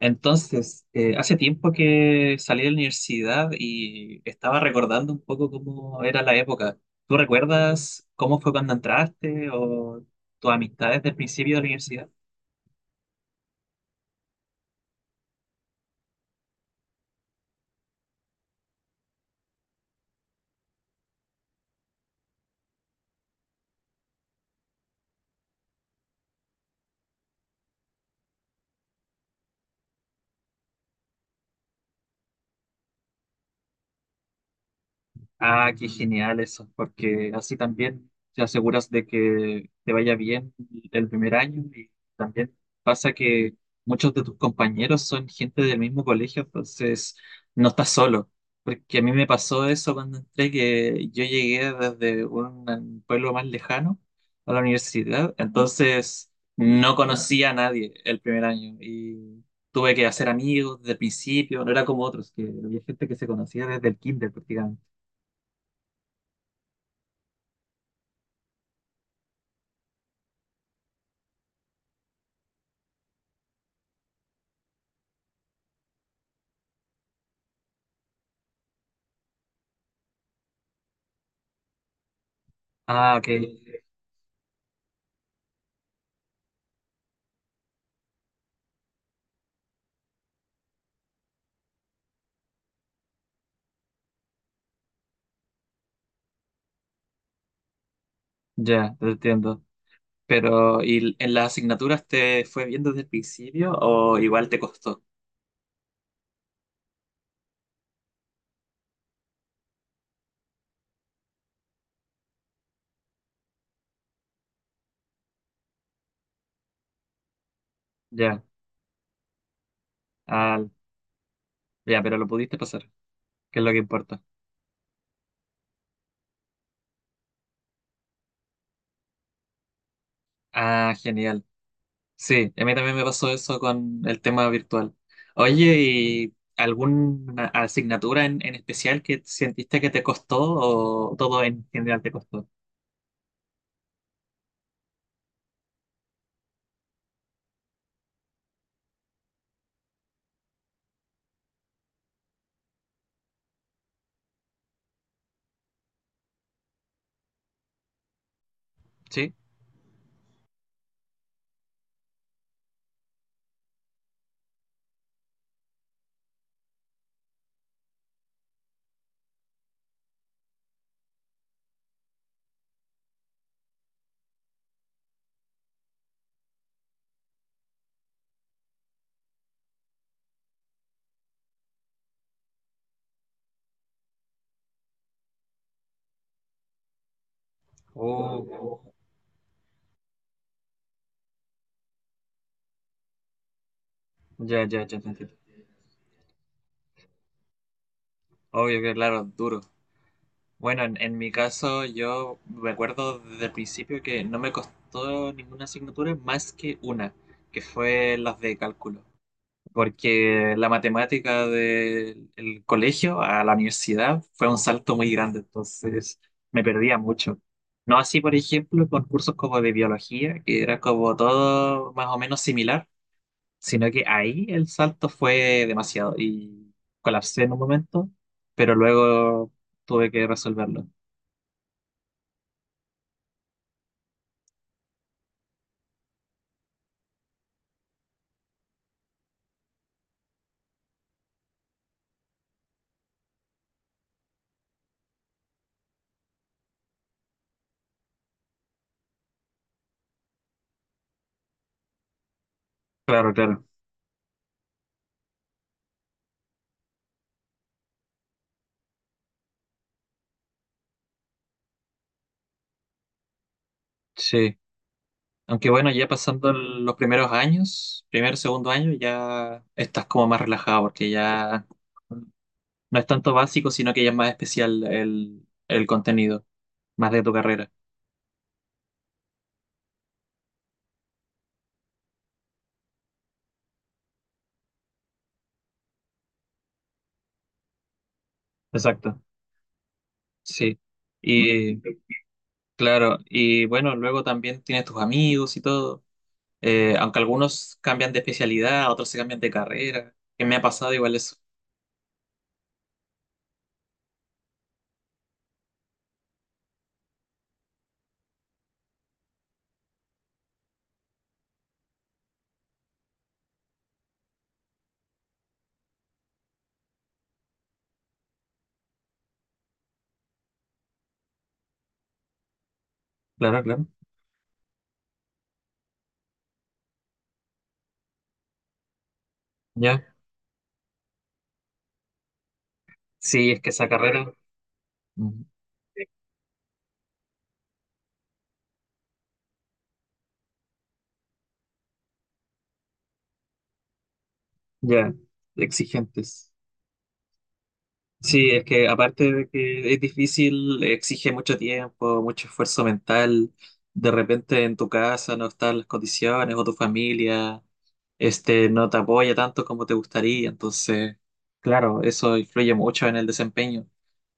Entonces, hace tiempo que salí de la universidad y estaba recordando un poco cómo era la época. ¿Tú recuerdas cómo fue cuando entraste o tus amistades del principio de la universidad? Ah, qué genial eso, porque así también te aseguras de que te vaya bien el primer año y también pasa que muchos de tus compañeros son gente del mismo colegio, entonces no estás solo, porque a mí me pasó eso cuando entré, que yo llegué desde un pueblo más lejano a la universidad, entonces no conocía a nadie el primer año y tuve que hacer amigos desde el principio, no era como otros, que había gente que se conocía desde el kinder prácticamente. Ah, ok. Ya, te entiendo. Pero, ¿y en las asignaturas te fue bien desde el principio o igual te costó? Ya, ah, ya, pero lo pudiste pasar, que es lo que importa. Ah, genial. Sí, a mí también me pasó eso con el tema virtual. Oye, ¿y alguna asignatura en especial que sentiste que te costó o todo en general te costó? ¿Sí? Oh, ya, ya, ya, te entiendo. Obvio que, claro, duro. Bueno, en mi caso yo recuerdo desde el principio que no me costó ninguna asignatura más que una, que fue las de cálculo, porque la matemática del el colegio a la universidad fue un salto muy grande, entonces me perdía mucho. No así, por ejemplo, con cursos como de biología, que era como todo más o menos similar, sino que ahí el salto fue demasiado y colapsé en un momento, pero luego tuve que resolverlo. Claro, claro, sí. Aunque bueno, ya pasando los primeros años, primer, segundo año, ya estás como más relajado porque ya no es tanto básico, sino que ya es más especial el contenido, más de tu carrera. Exacto, sí. Y claro, y bueno, luego también tienes tus amigos y todo. Aunque algunos cambian de especialidad, otros se cambian de carrera, que me ha pasado igual eso. Claro, claro. Ya. Sí, es que esa carrera, ujú, ya, exigentes. Sí, es que aparte de que es difícil, exige mucho tiempo, mucho esfuerzo mental. De repente en tu casa no están las condiciones o tu familia, no te apoya tanto como te gustaría. Entonces, claro, eso influye mucho en el desempeño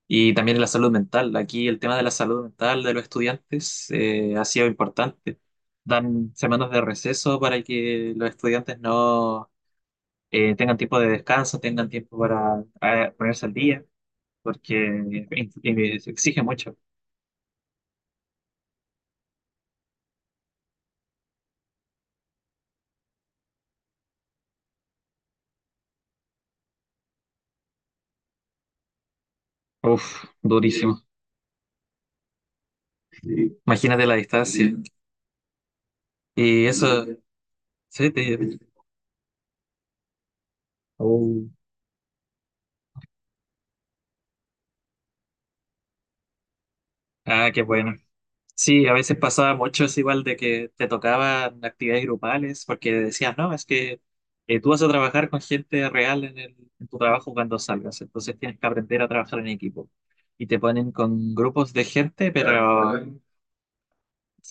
y también en la salud mental. Aquí el tema de la salud mental de los estudiantes ha sido importante. Dan semanas de receso para que los estudiantes no tengan tiempo de descanso, tengan tiempo para ponerse al día porque se exige mucho. Uf, durísimo. Imagínate la distancia. Y eso, sí, Oh. Ah, qué bueno. Sí, a veces pasaba mucho es igual de que te tocaban actividades grupales porque decías, no, es que tú vas a trabajar con gente real en en tu trabajo cuando salgas, entonces tienes que aprender a trabajar en equipo. Y te ponen con grupos de gente, pero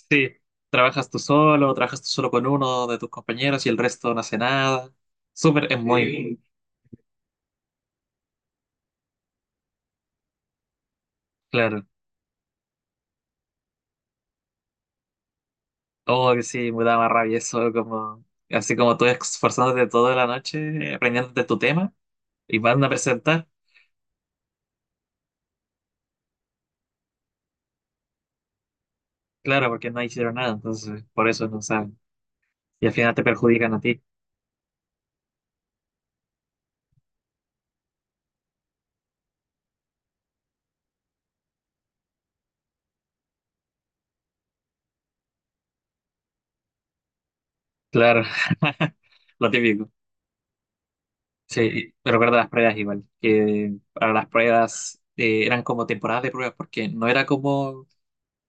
sí, trabajas tú solo con uno de tus compañeros y el resto no hace nada. Súper, es muy sí, claro. Oh, que sí, me da más rabia eso, como, así como tú esforzándote toda la noche, aprendiéndote tu tema y van a presentar. Claro, porque no hicieron nada, entonces por eso no saben. Y al final te perjudican a ti. Claro, lo típico. Sí, me recuerdo las pruebas igual, que para las pruebas eran como temporadas de pruebas, porque no era como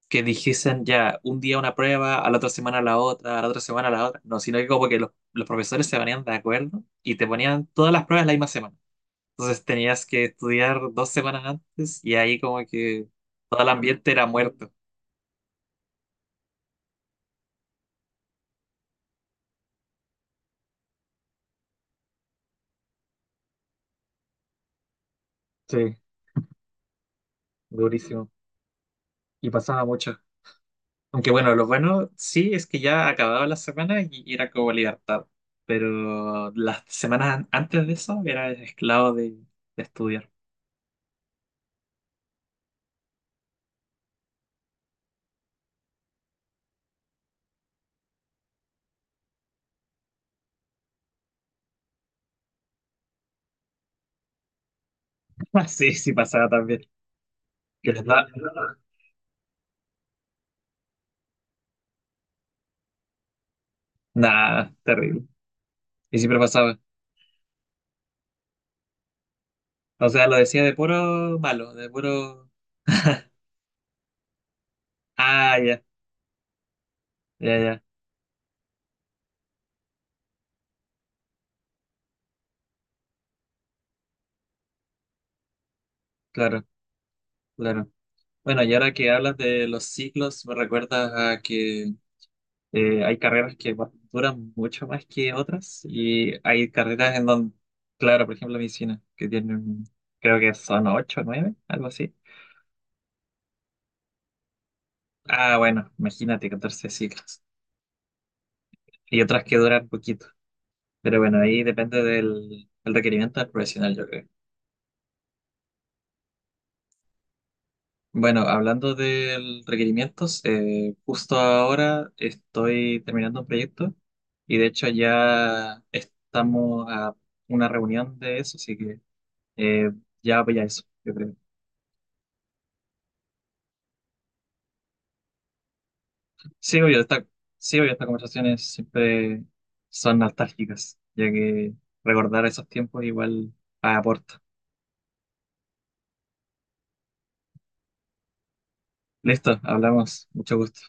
que dijesen ya un día una prueba, a la otra semana la otra, a la otra semana la otra. No, sino que como que los profesores se ponían de acuerdo y te ponían todas las pruebas la misma semana. Entonces tenías que estudiar dos semanas antes y ahí como que todo el ambiente era muerto. Sí, durísimo. Y pasaba mucho. Aunque bueno, lo bueno sí es que ya acababa la semana y era como libertad. Pero las semanas antes de eso era esclavo de estudiar. Sí, sí pasaba también. Que les da- Nada, terrible. Y siempre pasaba. O sea, lo decía de puro malo, de puro... Ah, ya, ya, ya, claro, claro. Bueno, y ahora que hablas de los ciclos, me recuerdas a que hay carreras que duran mucho más que otras y hay carreras en donde, claro, por ejemplo, medicina, que tienen, creo que son ocho o nueve, algo así. Ah, bueno, imagínate, 14 ciclos. Y otras que duran poquito. Pero bueno, ahí depende del requerimiento del profesional, yo creo. Bueno, hablando de requerimientos, justo ahora estoy terminando un proyecto y de hecho ya estamos a una reunión de eso, así que eh, ya voy a eso, yo creo. Sí, obvio, sí, obvio, estas conversaciones siempre son nostálgicas, ya que recordar esos tiempos igual aporta. Listo, hablamos, mucho gusto.